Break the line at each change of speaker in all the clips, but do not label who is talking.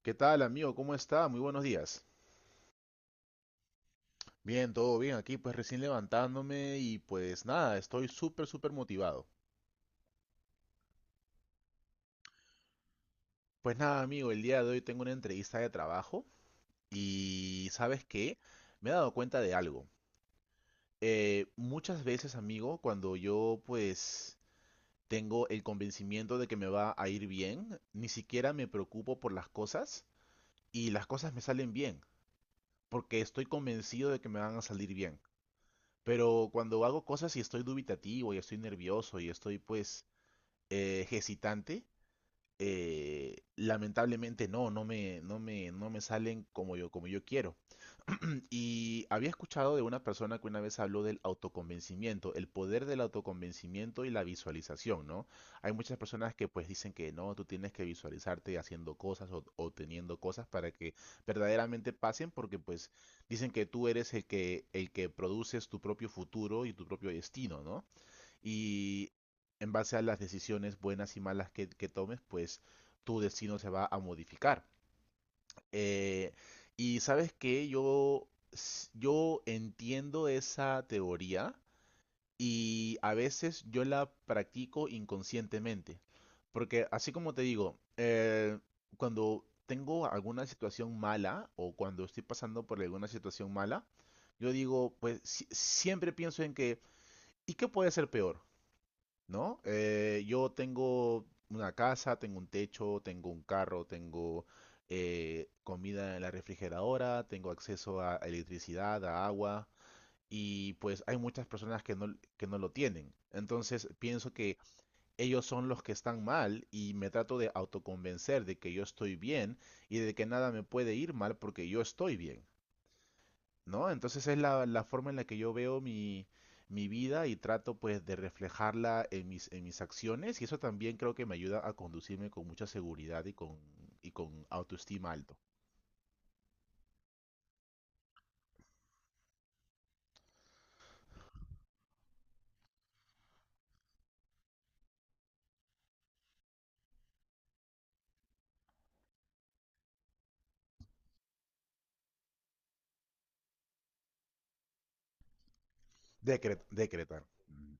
¿Qué tal, amigo? ¿Cómo está? Muy buenos días. Bien, todo bien aquí, pues recién levantándome y pues nada, estoy súper, súper motivado. Pues nada, amigo, el día de hoy tengo una entrevista de trabajo y ¿sabes qué? Me he dado cuenta de algo. Muchas veces, amigo, cuando yo pues tengo el convencimiento de que me va a ir bien, ni siquiera me preocupo por las cosas y las cosas me salen bien, porque estoy convencido de que me van a salir bien. Pero cuando hago cosas y estoy dubitativo y estoy nervioso y estoy pues hesitante, lamentablemente no me salen como yo quiero. Y había escuchado de una persona que una vez habló del autoconvencimiento, el poder del autoconvencimiento y la visualización, ¿no? Hay muchas personas que pues dicen que no, tú tienes que visualizarte haciendo cosas o teniendo cosas para que verdaderamente pasen, porque pues dicen que tú eres el que produces tu propio futuro y tu propio destino, ¿no? Y en base a las decisiones buenas y malas que tomes, pues tu destino se va a modificar. Eh, y sabes que yo entiendo esa teoría y a veces yo la practico inconscientemente. Porque así como te digo, cuando tengo alguna situación mala o cuando estoy pasando por alguna situación mala, yo digo, pues siempre pienso en que, ¿y qué puede ser peor? ¿No? Yo tengo una casa, tengo un techo, tengo un carro, tengo comida en la refrigeradora, tengo acceso a electricidad, a agua, y pues hay muchas personas que no lo tienen. Entonces pienso que ellos son los que están mal y me trato de autoconvencer de que yo estoy bien y de que nada me puede ir mal porque yo estoy bien. ¿No? Entonces es la forma en la que yo veo mi, mi vida y trato pues de reflejarla en mis acciones y eso también creo que me ayuda a conducirme con mucha seguridad y con autoestima alto. Decretar. Mm.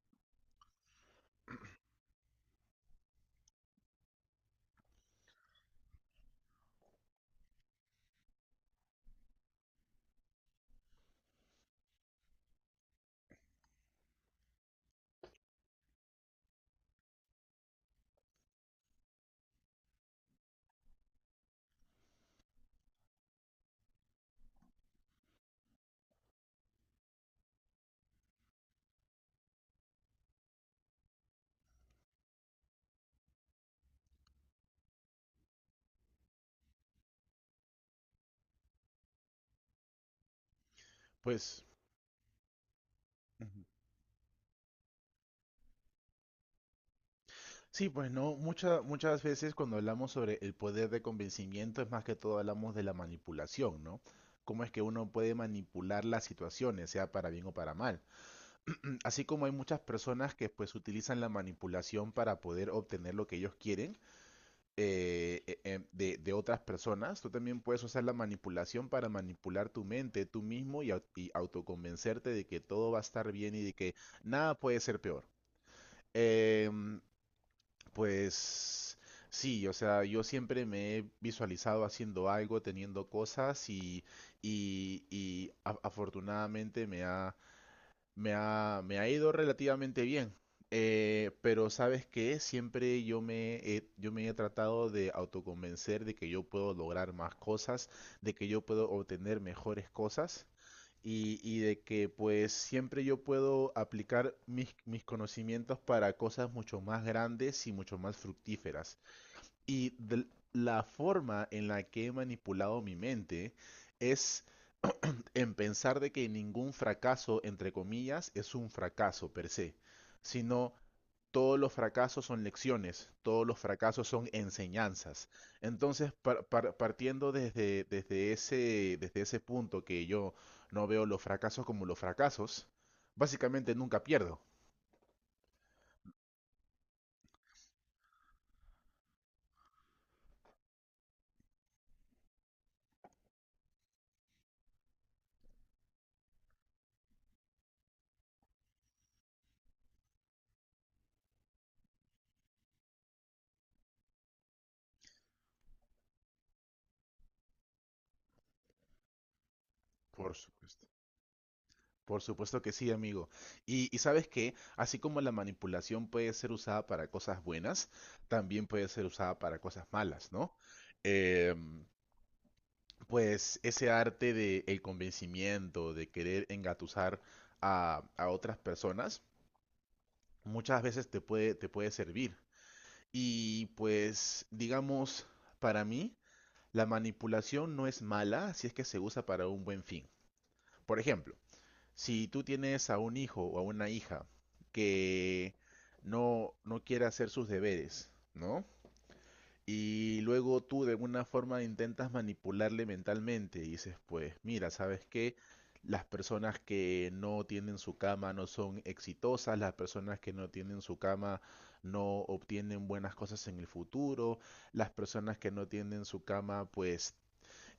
Pues... Ujú. Sí, pues no, muchas veces cuando hablamos sobre el poder de convencimiento es más que todo hablamos de la manipulación, ¿no? Cómo es que uno puede manipular las situaciones, sea para bien o para mal. Así como hay muchas personas que pues utilizan la manipulación para poder obtener lo que ellos quieren de otras personas, tú también puedes usar la manipulación para manipular tu mente tú mismo y, y autoconvencerte de que todo va a estar bien y de que nada puede ser peor. Em, pues sí, o sea, yo siempre me he visualizado haciendo algo, teniendo cosas y, afortunadamente me ha ido relativamente bien, pero ¿sabes que siempre yo yo me he tratado de autoconvencer de que yo puedo lograr más cosas, de que yo puedo obtener mejores cosas y de que pues siempre yo puedo aplicar mis, mis conocimientos para cosas mucho más grandes y mucho más fructíferas. Y de la forma en la que he manipulado mi mente es en pensar de que ningún fracaso, entre comillas, es un fracaso per se, sino todos los fracasos son lecciones, todos los fracasos son enseñanzas. Entonces, partiendo desde ese punto que yo no veo los fracasos como los fracasos, básicamente nunca pierdo. Por supuesto. Por supuesto que sí, amigo. Y sabes que, así como la manipulación puede ser usada para cosas buenas, también puede ser usada para cosas malas, ¿no? Em, pues ese arte de el convencimiento, de querer engatusar a otras personas, muchas veces te puede servir. Y pues, digamos, para mí, la manipulación no es mala si es que se usa para un buen fin. Por ejemplo, si tú tienes a un hijo o a una hija que no quiere hacer sus deberes, ¿no? Y luego tú de alguna forma intentas manipularle mentalmente y dices, pues mira, ¿sabes qué? Las personas que no tienen su cama no son exitosas, las personas que no tienen su cama no obtienen buenas cosas en el futuro, las personas que no tienen su cama pues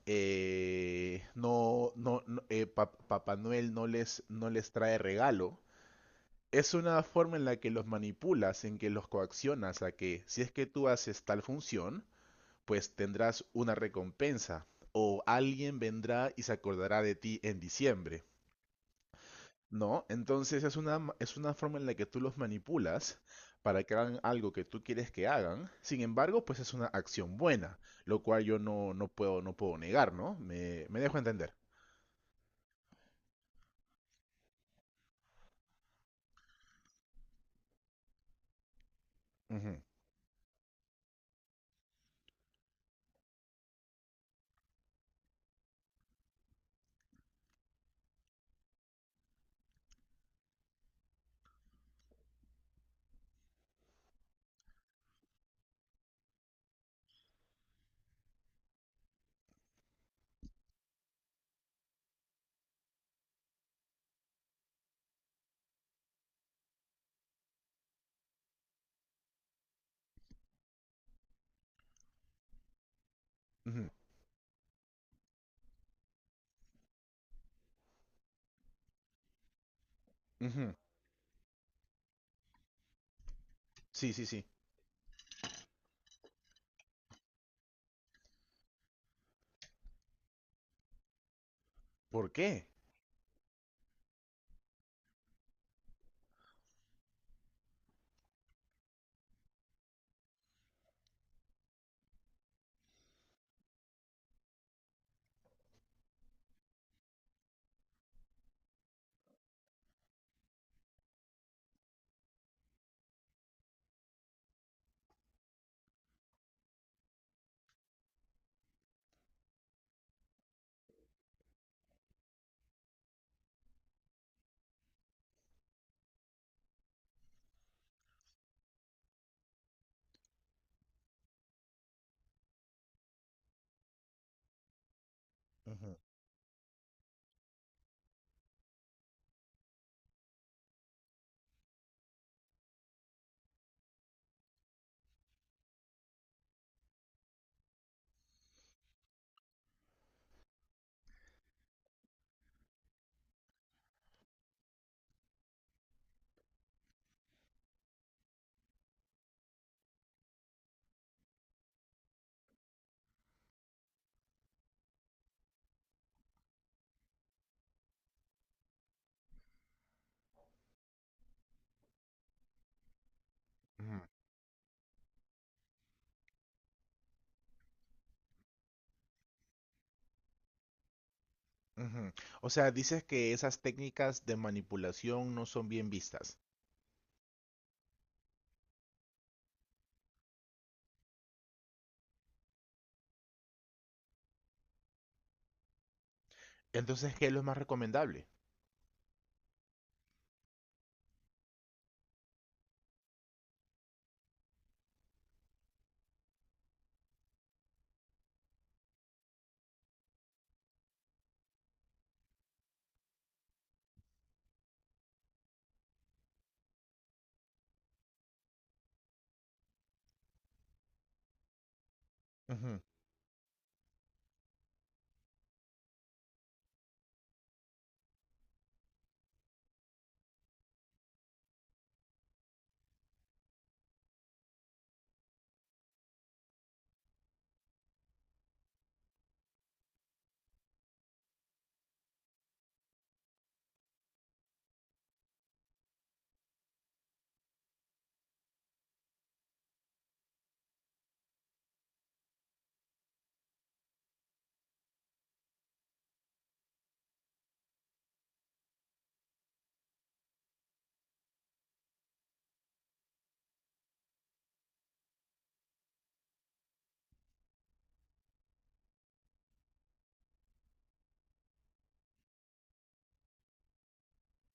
no, no, no pa Papá Noel no les trae regalo. Es una forma en la que los manipulas, en que los coaccionas a que si es que tú haces tal función, pues tendrás una recompensa o alguien vendrá y se acordará de ti en diciembre, ¿no? Entonces es es una forma en la que tú los manipulas para que hagan algo que tú quieres que hagan. Sin embargo, pues es una acción buena, lo cual yo no puedo negar, ¿no? Me dejo entender. Ujú, ujú, ujú. Sí, sí, sí. ¿Por qué? Ujú, ujú, ujú. O sea, dices que esas técnicas de manipulación no son bien vistas. Entonces, ¿qué es lo más recomendable? Ujú,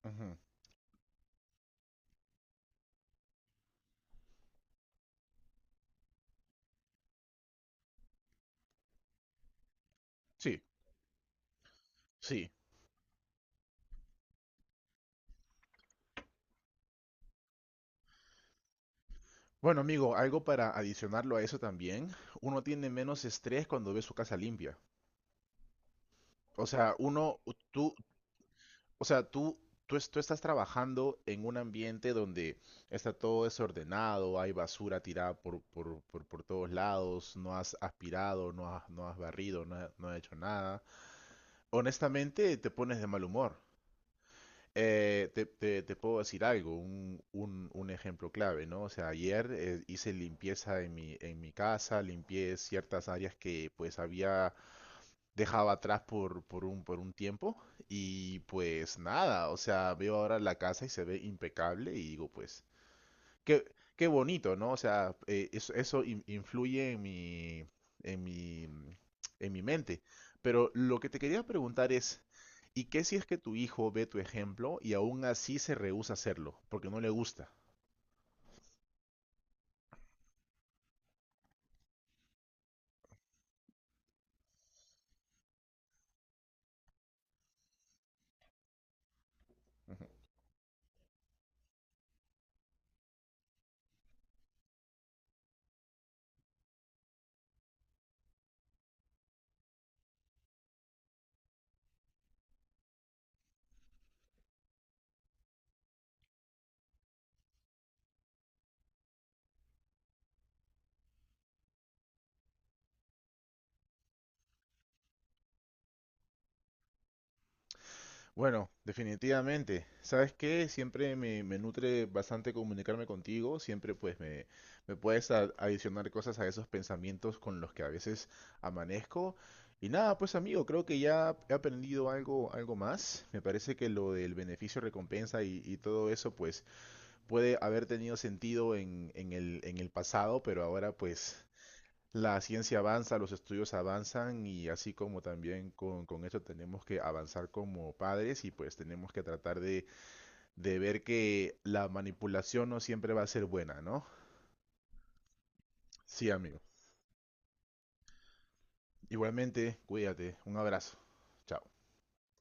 ujú. Sí, sí. Bueno, amigo, algo para adicionarlo a eso también. Uno tiene menos estrés cuando ve su casa limpia. O sea, uno, tú, tú, tú, tú estás trabajando en un ambiente donde está todo desordenado, hay basura tirada por todos lados, no has aspirado, no has barrido, no has hecho nada. Honestamente, te pones de mal humor. Te puedo decir algo, un ejemplo clave, ¿no? O sea, ayer hice limpieza en mi casa, limpié ciertas áreas que pues había dejaba atrás por un tiempo y pues nada, o sea, veo ahora la casa y se ve impecable y digo pues, qué, qué bonito, ¿no? O sea, eso influye en mi, en mi, en mi mente. Pero lo que te quería preguntar es, ¿y qué si es que tu hijo ve tu ejemplo y aún así se rehúsa a hacerlo porque no le gusta? Bueno, definitivamente. ¿Sabes qué? Siempre me nutre bastante comunicarme contigo. Siempre pues me puedes adicionar cosas a esos pensamientos con los que a veces amanezco. Y nada, pues amigo, creo que ya he aprendido algo, algo más. Me parece que lo del beneficio-recompensa y todo eso pues puede haber tenido sentido en, en el pasado, pero ahora pues la ciencia avanza, los estudios avanzan y así como también con eso tenemos que avanzar como padres y pues tenemos que tratar de ver que la manipulación no siempre va a ser buena, ¿no? Sí, amigo. Igualmente, cuídate. Un abrazo. Chao.